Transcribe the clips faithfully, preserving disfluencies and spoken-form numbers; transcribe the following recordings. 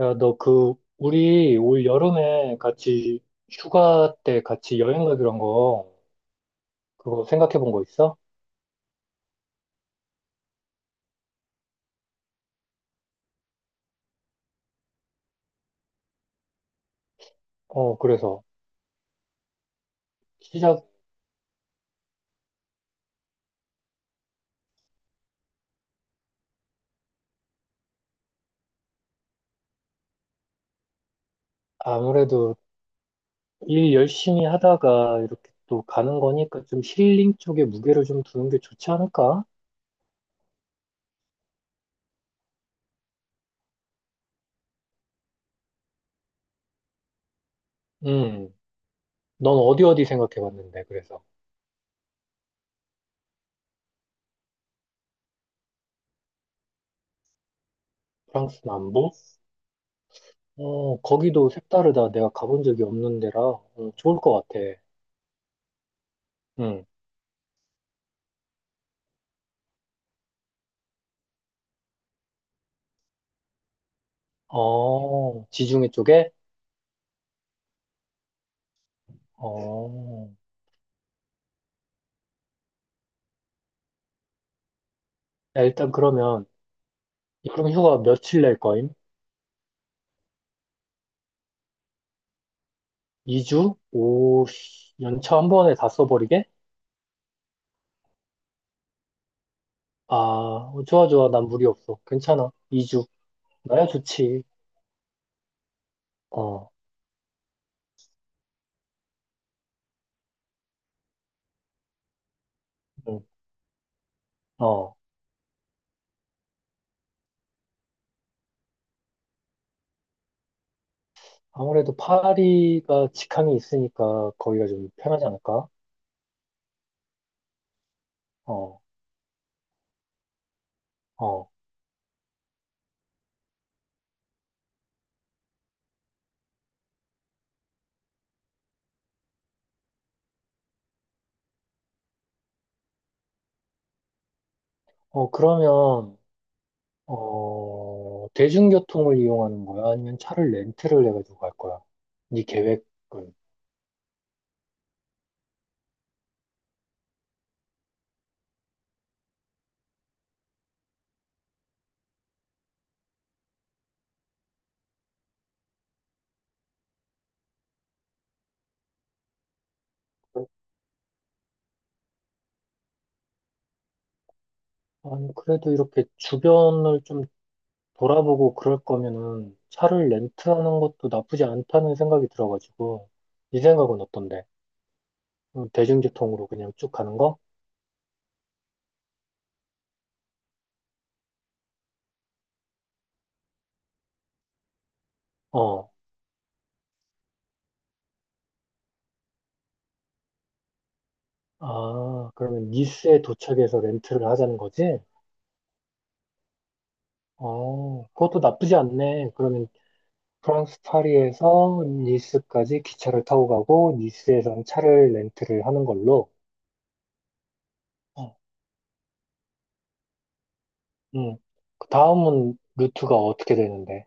야, 너 그, 우리 올 여름에 같이 휴가 때 같이 여행 가기로 한 거, 그거 생각해 본 거 있어? 어, 그래서 시작, 아무래도 일 열심히 하다가 이렇게 또 가는 거니까 좀 힐링 쪽에 무게를 좀 두는 게 좋지 않을까? 음, 넌 어디 어디 생각해 봤는데, 그래서. 프랑스 남부? 어, 거기도 색다르다. 내가 가본 적이 없는 데라, 어, 좋을 것 같아. 음, 어, 지중해 쪽에? 어, 야, 일단 그러면, 여름휴가 며칠 낼 거임? 이 주? 오, 씨, 연차 한 번에 다 써버리게? 아, 어, 좋아, 좋아. 난 무리 없어. 괜찮아. 이 주. 나야 좋지. 어, 응, 어. 아무래도 파리가 직항이 있으니까 거기가 좀 편하지 않을까? 어, 어. 어, 그러면, 어, 대중교통을 이용하는 거야? 아니면 차를 렌트를 해가지고 갈 거야? 네 계획은? 아니, 그래도 이렇게 주변을 좀 돌아보고 그럴 거면은 차를 렌트하는 것도 나쁘지 않다는 생각이 들어가지고, 이 생각은 어떤데? 음, 대중교통으로 그냥 쭉 가는 거? 어. 아, 그러면 니스에 도착해서 렌트를 하자는 거지? 어, 그것도 나쁘지 않네. 그러면 프랑스 파리에서 니스까지 기차를 타고 가고, 니스에선 차를 렌트를 하는 걸로. 어. 음. 그 다음은 루트가 어떻게 되는데?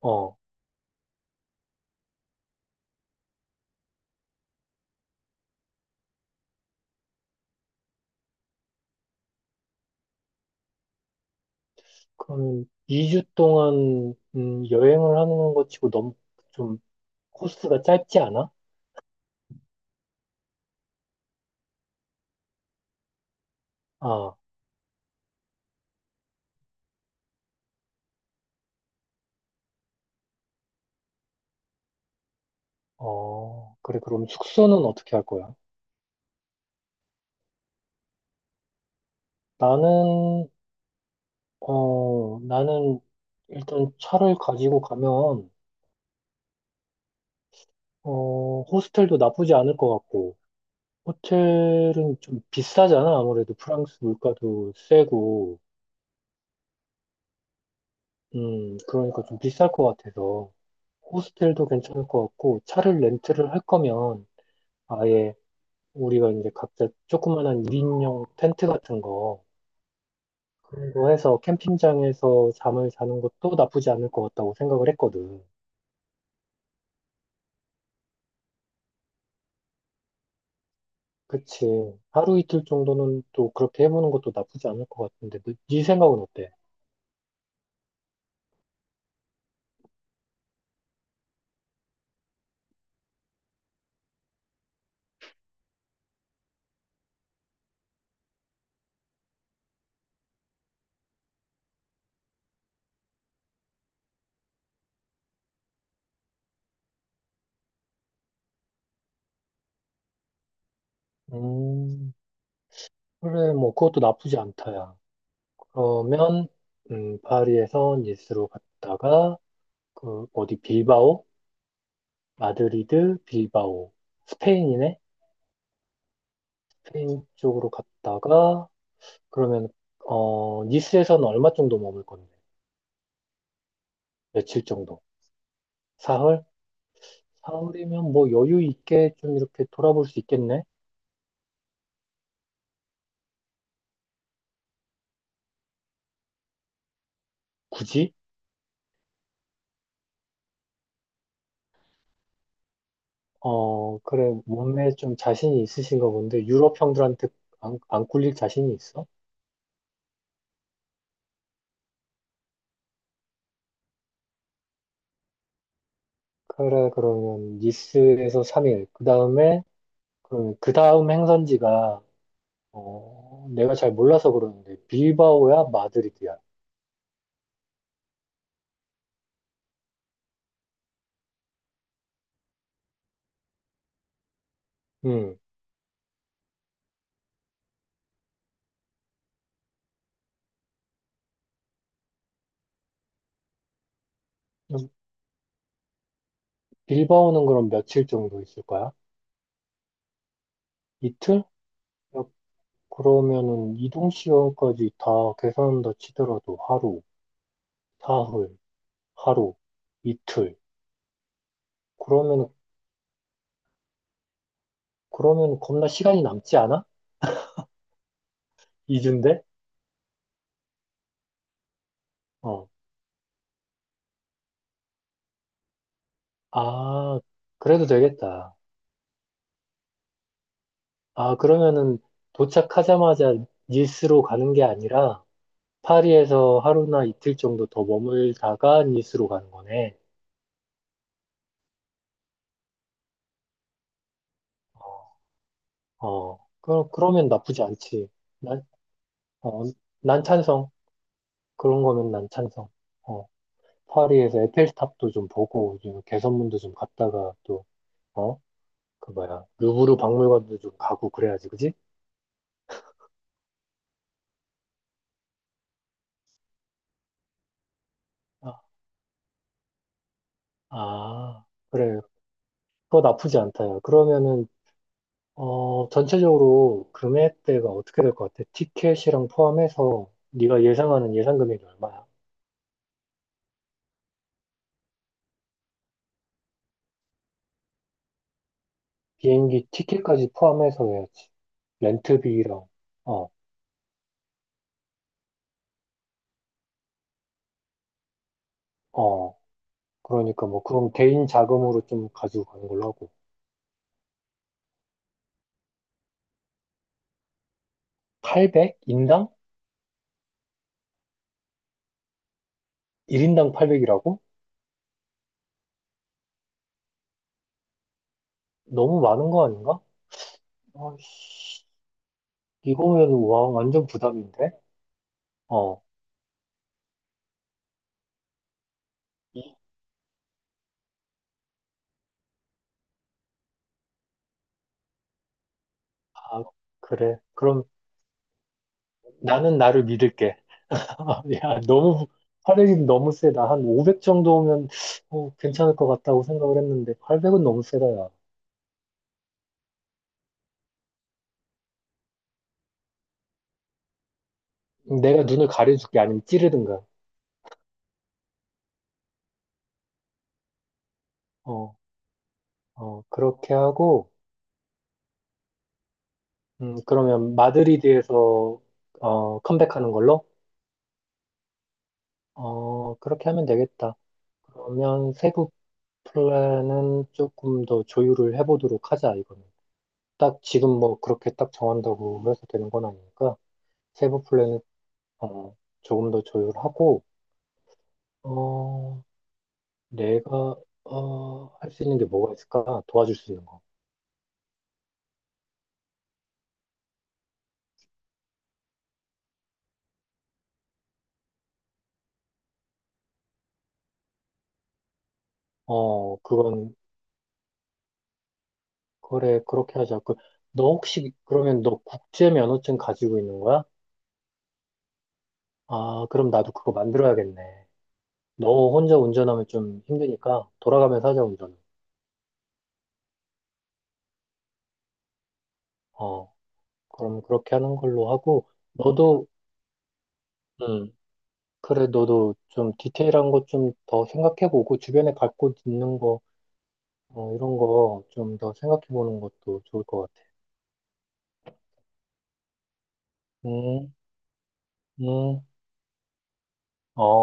어, 그럼 이 주 동안 음, 여행을 하는 것 치고 너무 좀 코스가 짧지 않아? 아, 어, 그래, 그럼 숙소는 어떻게 할 거야? 나는, 어, 나는 일단 차를 가지고 가면, 어, 호스텔도 나쁘지 않을 것 같고, 호텔은 좀 비싸잖아. 아무래도 프랑스 물가도 세고, 음, 그러니까 좀 비쌀 것 같아서, 호스텔도 괜찮을 것 같고, 차를 렌트를 할 거면, 아예 우리가 이제 각자 조그만한 일 인용 텐트 같은 거, 그런 거 해서 캠핑장에서 잠을 자는 것도 나쁘지 않을 것 같다고 생각을 했거든. 그치. 하루 이틀 정도는 또 그렇게 해보는 것도 나쁘지 않을 것 같은데, 너- 네 생각은 어때? 음, 그래, 뭐, 그것도 나쁘지 않다야. 그러면, 음, 파리에서 니스로 갔다가, 그, 어디, 빌바오? 마드리드, 빌바오. 스페인이네? 스페인 쪽으로 갔다가, 그러면 어 니스에서는 얼마 정도 머물 건데? 며칠 정도? 사흘? 사흘이면 뭐 여유 있게 좀 이렇게 돌아볼 수 있겠네? 굳이? 어 그래 몸에 좀 자신이 있으신가 본데 유럽 형들한테 안, 안 꿀릴 자신이 있어? 그래 그러면 니스에서 삼 일 그 다음에 그러면 그 다음 행선지가 어 내가 잘 몰라서 그러는데 빌바오야 마드리드야? 음 빌바오는 그럼 며칠 정도 있을 거야? 이틀? 그러면은 이동 시간까지 다 계산한다 치더라도 하루, 사흘, 하루, 이틀. 그러면은 그러면은 겁나 시간이 남지 않아? 이주인데? 어. 아, 그래도 되겠다. 아, 그러면은 도착하자마자 니스로 가는 게 아니라 파리에서 하루나 이틀 정도 더 머물다가 니스로 가는 거네. 어, 그, 그러면 나쁘지 않지. 난, 어, 난 찬성. 그런 거면 난 찬성. 어. 파리에서 에펠탑도 좀 보고 좀 개선문도 좀 갔다가 또 어? 그 뭐야 루브르 박물관도 좀 가고 그래야지 그지? 아, 아, 그래 그거 나쁘지 않다요 그러면은 어 전체적으로 금액대가 어떻게 될 것 같아? 티켓이랑 포함해서 네가 예상하는 예상 금액이 얼마야? 비행기 티켓까지 포함해서 해야지 렌트비랑 어 어 그러니까 뭐 그건 개인 자금으로 좀 가지고 가는 걸로 하고 팔백? 인당? 일 인당 팔백이라고? 너무 많은 거 아닌가? 아이씨, 이거에도 와, 완전 부담인데? 어. 이- 아, 그래. 그럼 나는 나를 믿을게. 야, 너무, 화력이 너무 세다. 한 오백 정도면 어, 괜찮을 것 같다고 생각을 했는데, 팔백은 너무 세다, 야. 내가 눈을 가려줄게. 아니면 찌르든가. 어, 어, 그렇게 하고, 음, 그러면 마드리드에서, 어, 컴백하는 걸로? 어, 그렇게 하면 되겠다. 그러면 세부 플랜은 조금 더 조율을 해보도록 하자, 이거는. 딱 지금 뭐 그렇게 딱 정한다고 해서 되는 건 아니니까, 세부 플랜은, 어, 조금 더 조율하고, 어, 내가, 어, 할 수 있는 게 뭐가 있을까? 도와줄 수 있는 거. 어, 그건, 그래, 그렇게 하자. 그, 너 혹시, 그러면 너 국제 면허증 가지고 있는 거야? 아, 그럼 나도 그거 만들어야겠네. 너 혼자 운전하면 좀 힘드니까, 돌아가면서 하자, 운전은. 어, 그럼 그렇게 하는 걸로 하고, 너도 음. 그래, 너도 좀 디테일한 것 좀 더 생각해보고, 주변에 갖고 있는 거, 어, 이런 거 좀 더 생각해보는 것도 좋을 것 같아. 음, 음, 어.